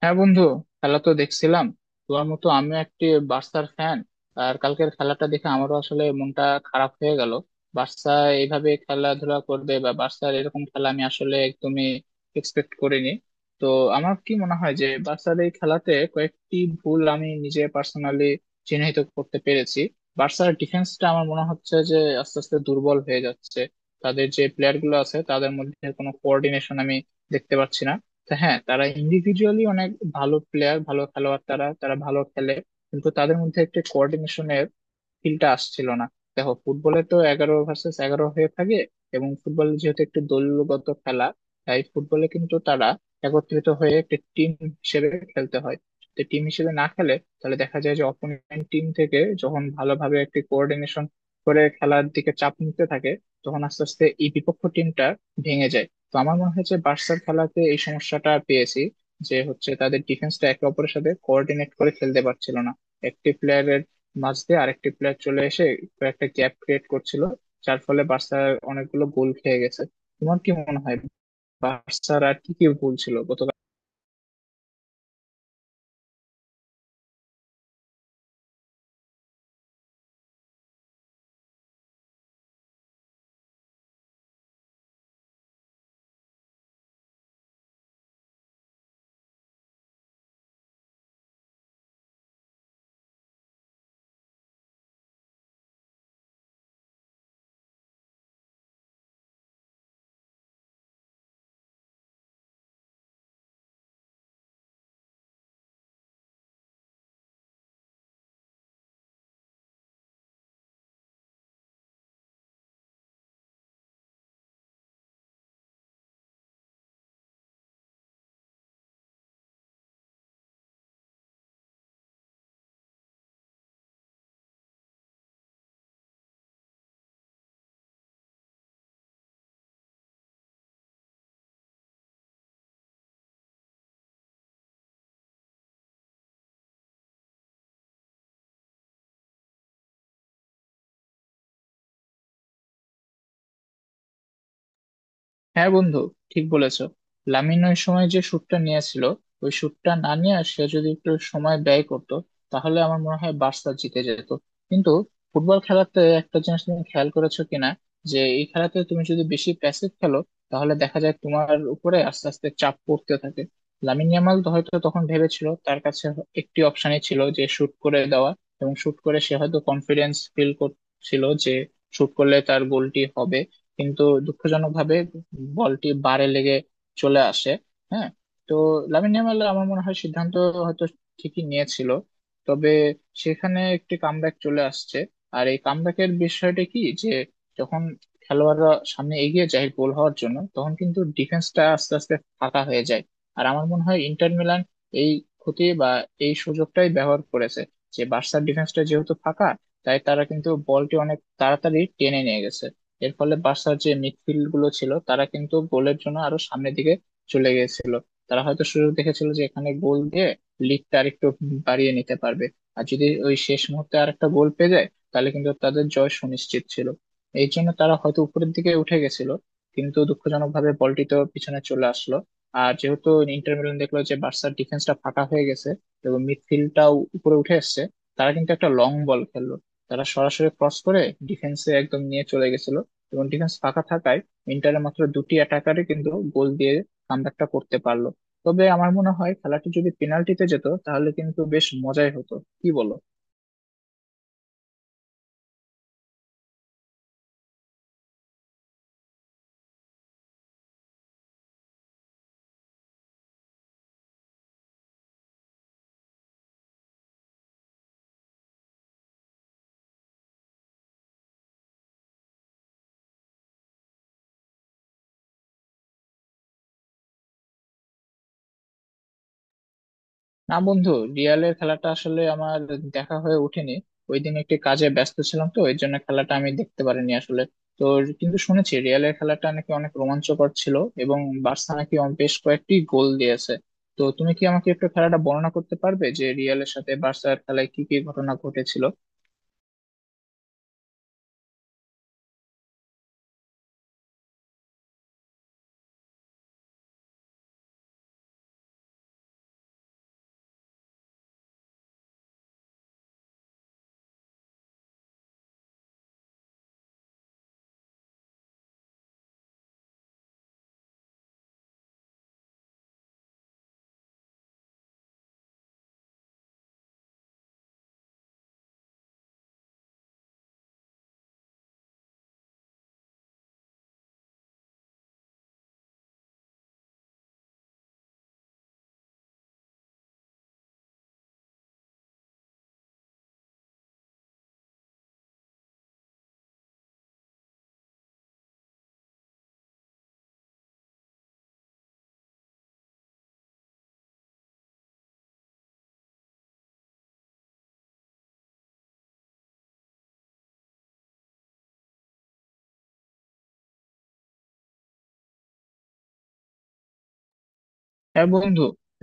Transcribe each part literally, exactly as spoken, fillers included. হ্যাঁ বন্ধু, খেলা তো দেখছিলাম। তোমার মতো আমিও একটি বার্সার ফ্যান। আর কালকের খেলাটা দেখে আমারও আসলে মনটা খারাপ হয়ে গেল। বার্সা এইভাবে খেলাধুলা করবে বা বার্সার এরকম খেলা আমি আসলে একদমই এক্সপেক্ট করিনি। তো আমার কি মনে হয় যে বার্সার এই খেলাতে কয়েকটি ভুল আমি নিজে পার্সোনালি চিহ্নিত করতে পেরেছি। বার্সার ডিফেন্সটা আমার মনে হচ্ছে যে আস্তে আস্তে দুর্বল হয়ে যাচ্ছে। তাদের যে প্লেয়ার গুলো আছে তাদের মধ্যে কোনো কোঅর্ডিনেশন আমি দেখতে পাচ্ছি না। তো হ্যাঁ, তারা ইন্ডিভিজুয়ালি অনেক ভালো প্লেয়ার, ভালো খেলোয়াড়, তারা তারা ভালো খেলে, কিন্তু তাদের মধ্যে একটা কোঅর্ডিনেশনের ফিলটা আসছিল না। দেখো, ফুটবলে তো এগারো ভার্সেস এগারো হয়ে থাকে, এবং ফুটবল যেহেতু একটি দলগত খেলা, তাই ফুটবলে কিন্তু তারা একত্রিত হয়ে একটি টিম হিসেবে খেলতে হয়। তো টিম হিসেবে না খেলে, তাহলে দেখা যায় যে অপোনেন্ট টিম থেকে যখন ভালোভাবে একটি কোঅর্ডিনেশন করে খেলার দিকে চাপ নিতে থাকে, তখন আস্তে আস্তে এই বিপক্ষ টিমটা ভেঙে যায়। তো আমার মনে হয় যে বার্সার খেলাতে এই সমস্যাটা পেয়েছি, যে হচ্ছে তাদের ডিফেন্সটা একে অপরের সাথে কোঅর্ডিনেট করে খেলতে পারছিল না। একটি প্লেয়ারের মাঝ দিয়ে আরেকটি প্লেয়ার চলে এসে কয়েকটা গ্যাপ ক্রিয়েট করছিল, যার ফলে বার্সা অনেকগুলো গোল খেয়ে গেছে। তোমার কি মনে হয় বার্সার আর কি কি ভুল ছিল গত? হ্যাঁ বন্ধু, ঠিক বলেছো। লামিন ওই সময় যে শুটটা নিয়েছিল, ওই শুটটা না নিয়ে সে যদি একটু সময় ব্যয় করতো, তাহলে আমার মনে হয় বার্সা জিতে যেত। কিন্তু ফুটবল খেলাতে একটা জিনিস তুমি খেয়াল করেছো কিনা, যে এই খেলাতে তুমি যদি বেশি প্যাসিভ খেলো, তাহলে দেখা যায় তোমার উপরে আস্তে আস্তে চাপ পড়তে থাকে। লামিন ইয়ামাল তো হয়তো তখন ভেবেছিল তার কাছে একটি অপশনই ছিল, যে শুট করে দেওয়া। এবং শুট করে সে হয়তো কনফিডেন্স ফিল করছিল যে শুট করলে তার গোলটি হবে, কিন্তু দুঃখজনকভাবে বলটি বারে লেগে চলে আসে। হ্যাঁ। তো লামিন ইয়ামাল, আমার মনে হয়, সিদ্ধান্ত হয়তো ঠিকই নিয়েছিল। তবে সেখানে একটি কামব্যাক চলে আসছে। আর এই কামব্যাকের বিষয়টা কি, যে যখন খেলোয়াড়রা সামনে এগিয়ে যায় গোল হওয়ার জন্য, তখন কিন্তু ডিফেন্সটা আস্তে আস্তে ফাঁকা হয়ে যায়। আর আমার মনে হয় ইন্টার মিলান এই ক্ষতি বা এই সুযোগটাই ব্যবহার করেছে। যে বার্সার ডিফেন্সটা যেহেতু ফাঁকা, তাই তারা কিন্তু বলটি অনেক তাড়াতাড়ি টেনে নিয়ে গেছে। এর ফলে বার্সার যে মিডফিল্ড গুলো ছিল, তারা কিন্তু গোলের জন্য আরো সামনের দিকে চলে গিয়েছিল। তারা হয়তো সুযোগ দেখেছিল যে এখানে গোল দিয়ে লিডটা আরেকটু বাড়িয়ে নিতে পারবে, আর যদি ওই শেষ মুহূর্তে আর একটা গোল পেয়ে যায় তাহলে কিন্তু তাদের জয় সুনিশ্চিত ছিল। এই জন্য তারা হয়তো উপরের দিকে উঠে গেছিল। কিন্তু দুঃখজনকভাবে বলটি তো পিছনে চলে আসলো। আর যেহেতু ইন্টার মিলান দেখলো যে বার্সার ডিফেন্সটা ফাঁকা হয়ে গেছে এবং মিডফিল্ডটাও উপরে উঠে এসেছে, তারা কিন্তু একটা লং বল খেললো। তারা সরাসরি ক্রস করে ডিফেন্সে একদম নিয়ে চলে গেছিল, এবং ডিফেন্স ফাঁকা থাকায় ইন্টারের মাত্র দুটি অ্যাটাকারে কিন্তু গোল দিয়ে কামব্যাকটা করতে পারলো। তবে আমার মনে হয় খেলাটি যদি পেনাল্টিতে যেত তাহলে কিন্তু বেশ মজাই হতো, কি বলো? না বন্ধু, রিয়ালের খেলাটা আসলে আমার দেখা হয়ে ওঠেনি। ওই দিন একটি কাজে ব্যস্ত ছিলাম, তো এর জন্য খেলাটা আমি দেখতে পারিনি আসলে। তো কিন্তু শুনেছি রিয়ালের খেলাটা নাকি অনেক রোমাঞ্চকর ছিল এবং বার্সা নাকি অন- বেশ কয়েকটি গোল দিয়েছে। তো তুমি কি আমাকে একটু খেলাটা বর্ণনা করতে পারবে যে রিয়ালের সাথে বার্সার খেলায় কি কি ঘটনা ঘটেছিল? হ্যাঁ বন্ধু,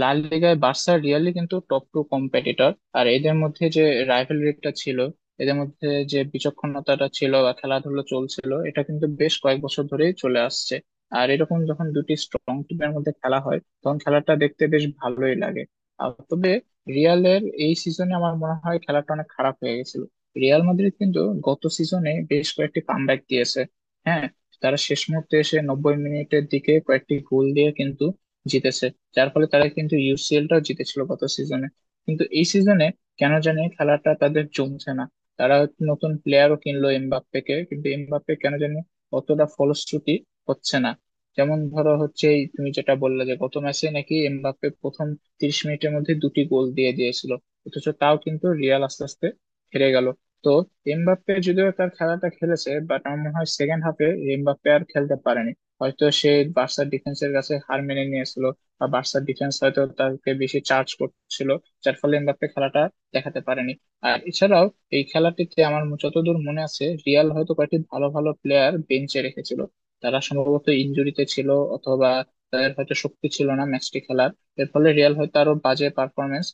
লা লিগায় বার্সা রিয়ালি কিন্তু টপ টু কম্পিটিটর। আর এদের মধ্যে যে রাইভালরিটা ছিল, এদের মধ্যে যে বিচক্ষণতাটা ছিল বা খেলাধুলো চলছিল, এটা কিন্তু বেশ কয়েক বছর ধরেই চলে আসছে। আর এরকম যখন দুটি স্ট্রং টিমের মধ্যে খেলা হয়, তখন খেলাটা দেখতে বেশ ভালোই লাগে। আর তবে রিয়ালের এই সিজনে আমার মনে হয় খেলাটা অনেক খারাপ হয়ে গেছিল। রিয়াল মাদ্রিদ কিন্তু গত সিজনে বেশ কয়েকটি কামব্যাক দিয়েছে। হ্যাঁ, তারা শেষ মুহূর্তে এসে নব্বই মিনিটের দিকে কয়েকটি গোল দিয়ে কিন্তু জিতেছে, যার ফলে তারা কিন্তু ইউসিএলটাও জিতেছিল গত সিজনে। কিন্তু এই সিজনে কেন জানি খেলাটা তাদের জমছে না। তারা নতুন প্লেয়ারও কিনলো, এমবাপ্পেকে, কিন্তু এমবাপ্পে কেন জানি অতটা ফলশ্রুতি হচ্ছে না। যেমন ধরো হচ্ছে, এই তুমি যেটা বললে, যে গত ম্যাচে নাকি এমবাপ্পে প্রথম তিরিশ মিনিটের মধ্যে দুটি গোল দিয়ে দিয়েছিল, অথচ তাও কিন্তু রিয়াল আস্তে আস্তে হেরে গেল। তো এমবাপ্পে যদিও তার খেলাটা খেলেছে, বাট আমার মনে হয় সেকেন্ড হাফে এমবাপ্পে আর খেলতে পারেনি। হয়তো সে বার্সার ডিফেন্সের কাছে হার মেনে নিয়েছিল, বা বার্সার ডিফেন্স হয়তো তাকে বেশি চার্জ করছিল, যার ফলে এমবাপ্পে খেলাটা দেখাতে পারেনি। আর এছাড়াও এই খেলাটিতে আমার যতদূর মনে আছে, রিয়াল হয়তো কয়েকটি ভালো ভালো প্লেয়ার বেঞ্চে রেখেছিল। তারা সম্ভবত ইনজুরিতে ছিল, অথবা তাদের হয়তো শক্তি ছিল না ম্যাচটি খেলার। এর ফলে রিয়াল হয়তো আরো বাজে পারফরমেন্স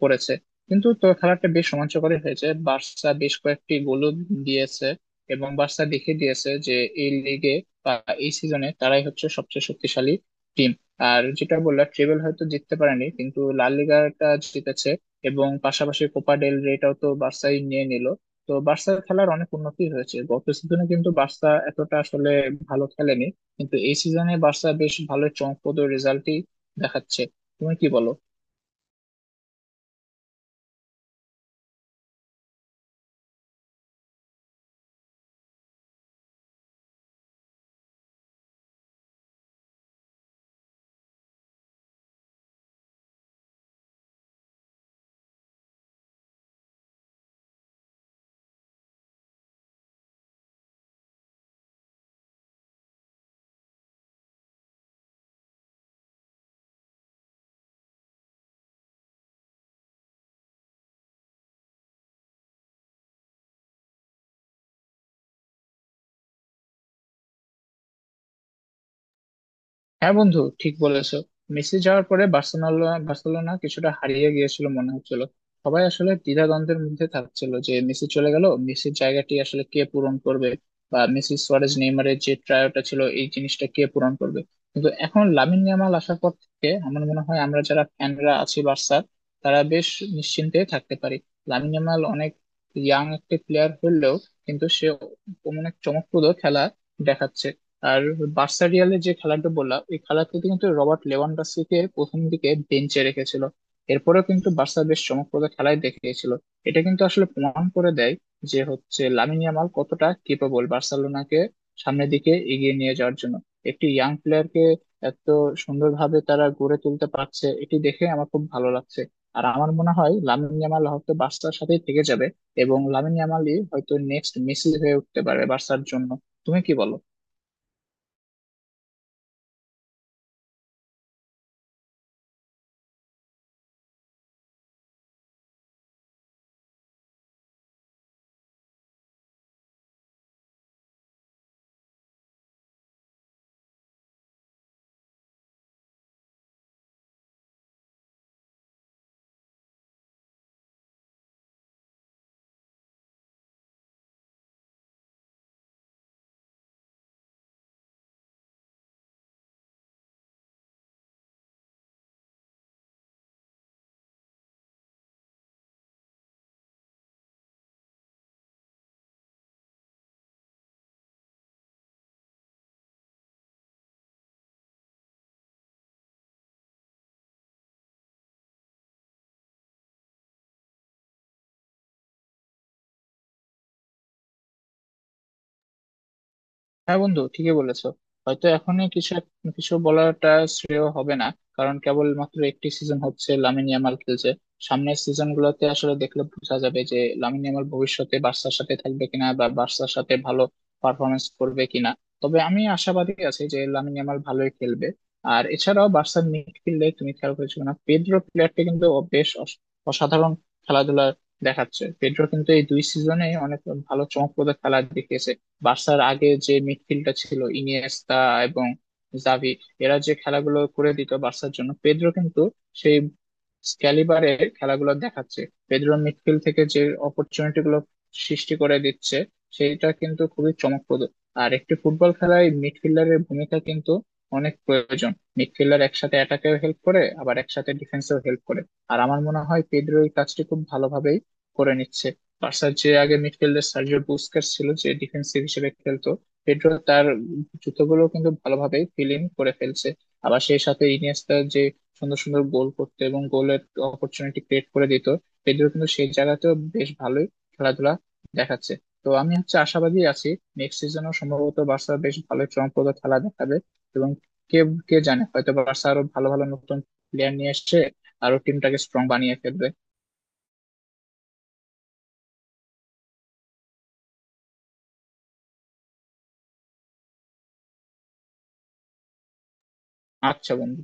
করেছে। কিন্তু তো খেলাটা বেশ রোমাঞ্চকরই হয়েছে, বার্সা বেশ কয়েকটি গোল দিয়েছে এবং বার্সা দেখিয়ে দিয়েছে যে এই লিগে বা এই সিজনে তারাই হচ্ছে সবচেয়ে শক্তিশালী টিম। আর যেটা বললাম, ট্রেবেল হয়তো জিততে পারেনি কিন্তু লা লিগাটা জিতেছে, এবং পাশাপাশি কোপা ডেল রেটাও তো বার্সাই নিয়ে নিল। তো বার্সার খেলার অনেক উন্নতি হয়েছে। গত সিজনে কিন্তু বার্সা এতটা আসলে ভালো খেলেনি, কিন্তু এই সিজনে বার্সা বেশ ভালো চমকপ্রদ রেজাল্টই দেখাচ্ছে। তুমি কি বলো? হ্যাঁ বন্ধু, ঠিক বলেছো। মেসি যাওয়ার পরে বার্সেলোনা বার্সেলোনা কিছুটা হারিয়ে গিয়েছিল মনে হচ্ছিল। সবাই আসলে দ্বিধাদ্বন্দ্বের মধ্যে থাকছিল যে মেসি চলে গেল, মেসির জায়গাটি আসলে কে পূরণ করবে, বা মেসি সুয়ারেজ নেইমারের যে ট্রায়োটা ছিল, এই জিনিসটা কে পূরণ করবে। কিন্তু এখন লামিন ইয়ামাল আসার পর থেকে আমার মনে হয় আমরা যারা ফ্যানরা আছি বার্সার, তারা বেশ নিশ্চিন্তে থাকতে পারি। লামিন ইয়ামাল অনেক ইয়াং একটি প্লেয়ার হলেও কিন্তু সে অনেক চমকপ্রদ খেলা দেখাচ্ছে। আর বার্সা রিয়ালের যে খেলাটা বললাম, ওই খেলাতে কিন্তু রবার্ট লেভানডস্কিকে প্রথম দিকে বেঞ্চে রেখেছিল, এরপরেও কিন্তু বার্সা বেশ চমকপ্রদ খেলাই দেখিয়েছিল। এটা কিন্তু আসলে প্রমাণ করে দেয় যে হচ্ছে লামিন ইয়ামাল কতটা কেপেবল বার্সেলোনাকে সামনের দিকে এগিয়ে নিয়ে যাওয়ার জন্য। একটি ইয়াং প্লেয়ারকে এত সুন্দরভাবে তারা গড়ে তুলতে পারছে, এটি দেখে আমার খুব ভালো লাগছে। আর আমার মনে হয় লামিন ইয়ামাল হয়তো বার্সার সাথেই থেকে যাবে এবং লামিন ইয়ামালই হয়তো নেক্সট মেসি হয়ে উঠতে পারে বার্সার জন্য। তুমি কি বলো? হ্যাঁ বন্ধু, ঠিকই বলেছো। হয়তো এখনই কিছু এক- কিছু বলাটা শ্রেয় হবে না, কারণ কেবলমাত্র একটি সিজন হচ্ছে লামিন ইয়ামাল খেলছে। সামনের সিজন গুলোতে আসলে দেখলে বোঝা যাবে যে লামিন ইয়ামাল ভবিষ্যতে বার্সার সাথে থাকবে কিনা বা বার্সার সাথে ভালো পারফরমেন্স করবে কিনা। তবে আমি আশাবাদী আছি যে লামিন ইয়ামাল ভালোই খেলবে। আর এছাড়াও বার্সার মিডফিল্ডে তুমি খেয়াল করেছো না, পেড্রো প্লেয়ারটা কিন্তু ও বেশ অস- অসাধারণ খেলাধুলা দেখাচ্ছে। পেড্রো কিন্তু এই দুই সিজনে অনেক ভালো চমকপ্রদ খেলা দেখিয়েছে। বার্সার আগে যে মিডফিল্ডটা ছিল, ইনিয়েস্তা এবং জাভি, এরা যে খেলাগুলো করে দিত বার্সার জন্য, পেদ্রো কিন্তু সেই ক্যালিবারের খেলাগুলো দেখাচ্ছে। পেদ্রো মিডফিল্ড থেকে যে অপরচুনিটি গুলো সৃষ্টি করে দিচ্ছে, সেটা কিন্তু খুবই চমকপ্রদ। আর একটি ফুটবল খেলায় মিডফিল্ডারের ভূমিকা কিন্তু অনেক প্রয়োজন। মিডফিল্ডার একসাথে অ্যাটাকেও হেল্প করে আবার একসাথে ডিফেন্সেও হেল্প করে। আর আমার মনে হয় পেদ্রো এই কাজটি খুব ভালোভাবেই করে নিচ্ছে। বার্সার যে আগে মিডফিল্ডে সার্জিও বুস্কেটস ছিল, যে ডিফেন্সিভ হিসেবে খেলতো, পেড্রো তার জুতোগুলো কিন্তু ভালোভাবে ফিল ইন করে ফেলছে। আবার সেই সাথে ইনিয়েস্তা যে সুন্দর সুন্দর গোল করতে এবং গোলের অপরচুনিটি ক্রিয়েট করে দিত, পেড্রো কিন্তু সেই জায়গাতেও বেশ ভালোই খেলাধুলা দেখাচ্ছে। তো আমি হচ্ছে আশাবাদী আছি নেক্সট সিজনও সম্ভবত বার্সা বেশ ভালো চমকপ্রদ খেলা দেখাবে। এবং কে কে জানে, হয়তো বার্সা আরো ভালো ভালো নতুন প্লেয়ার নিয়ে এসছে, আরো টিমটাকে স্ট্রং বানিয়ে ফেলবে। আচ্ছা বন্ধু।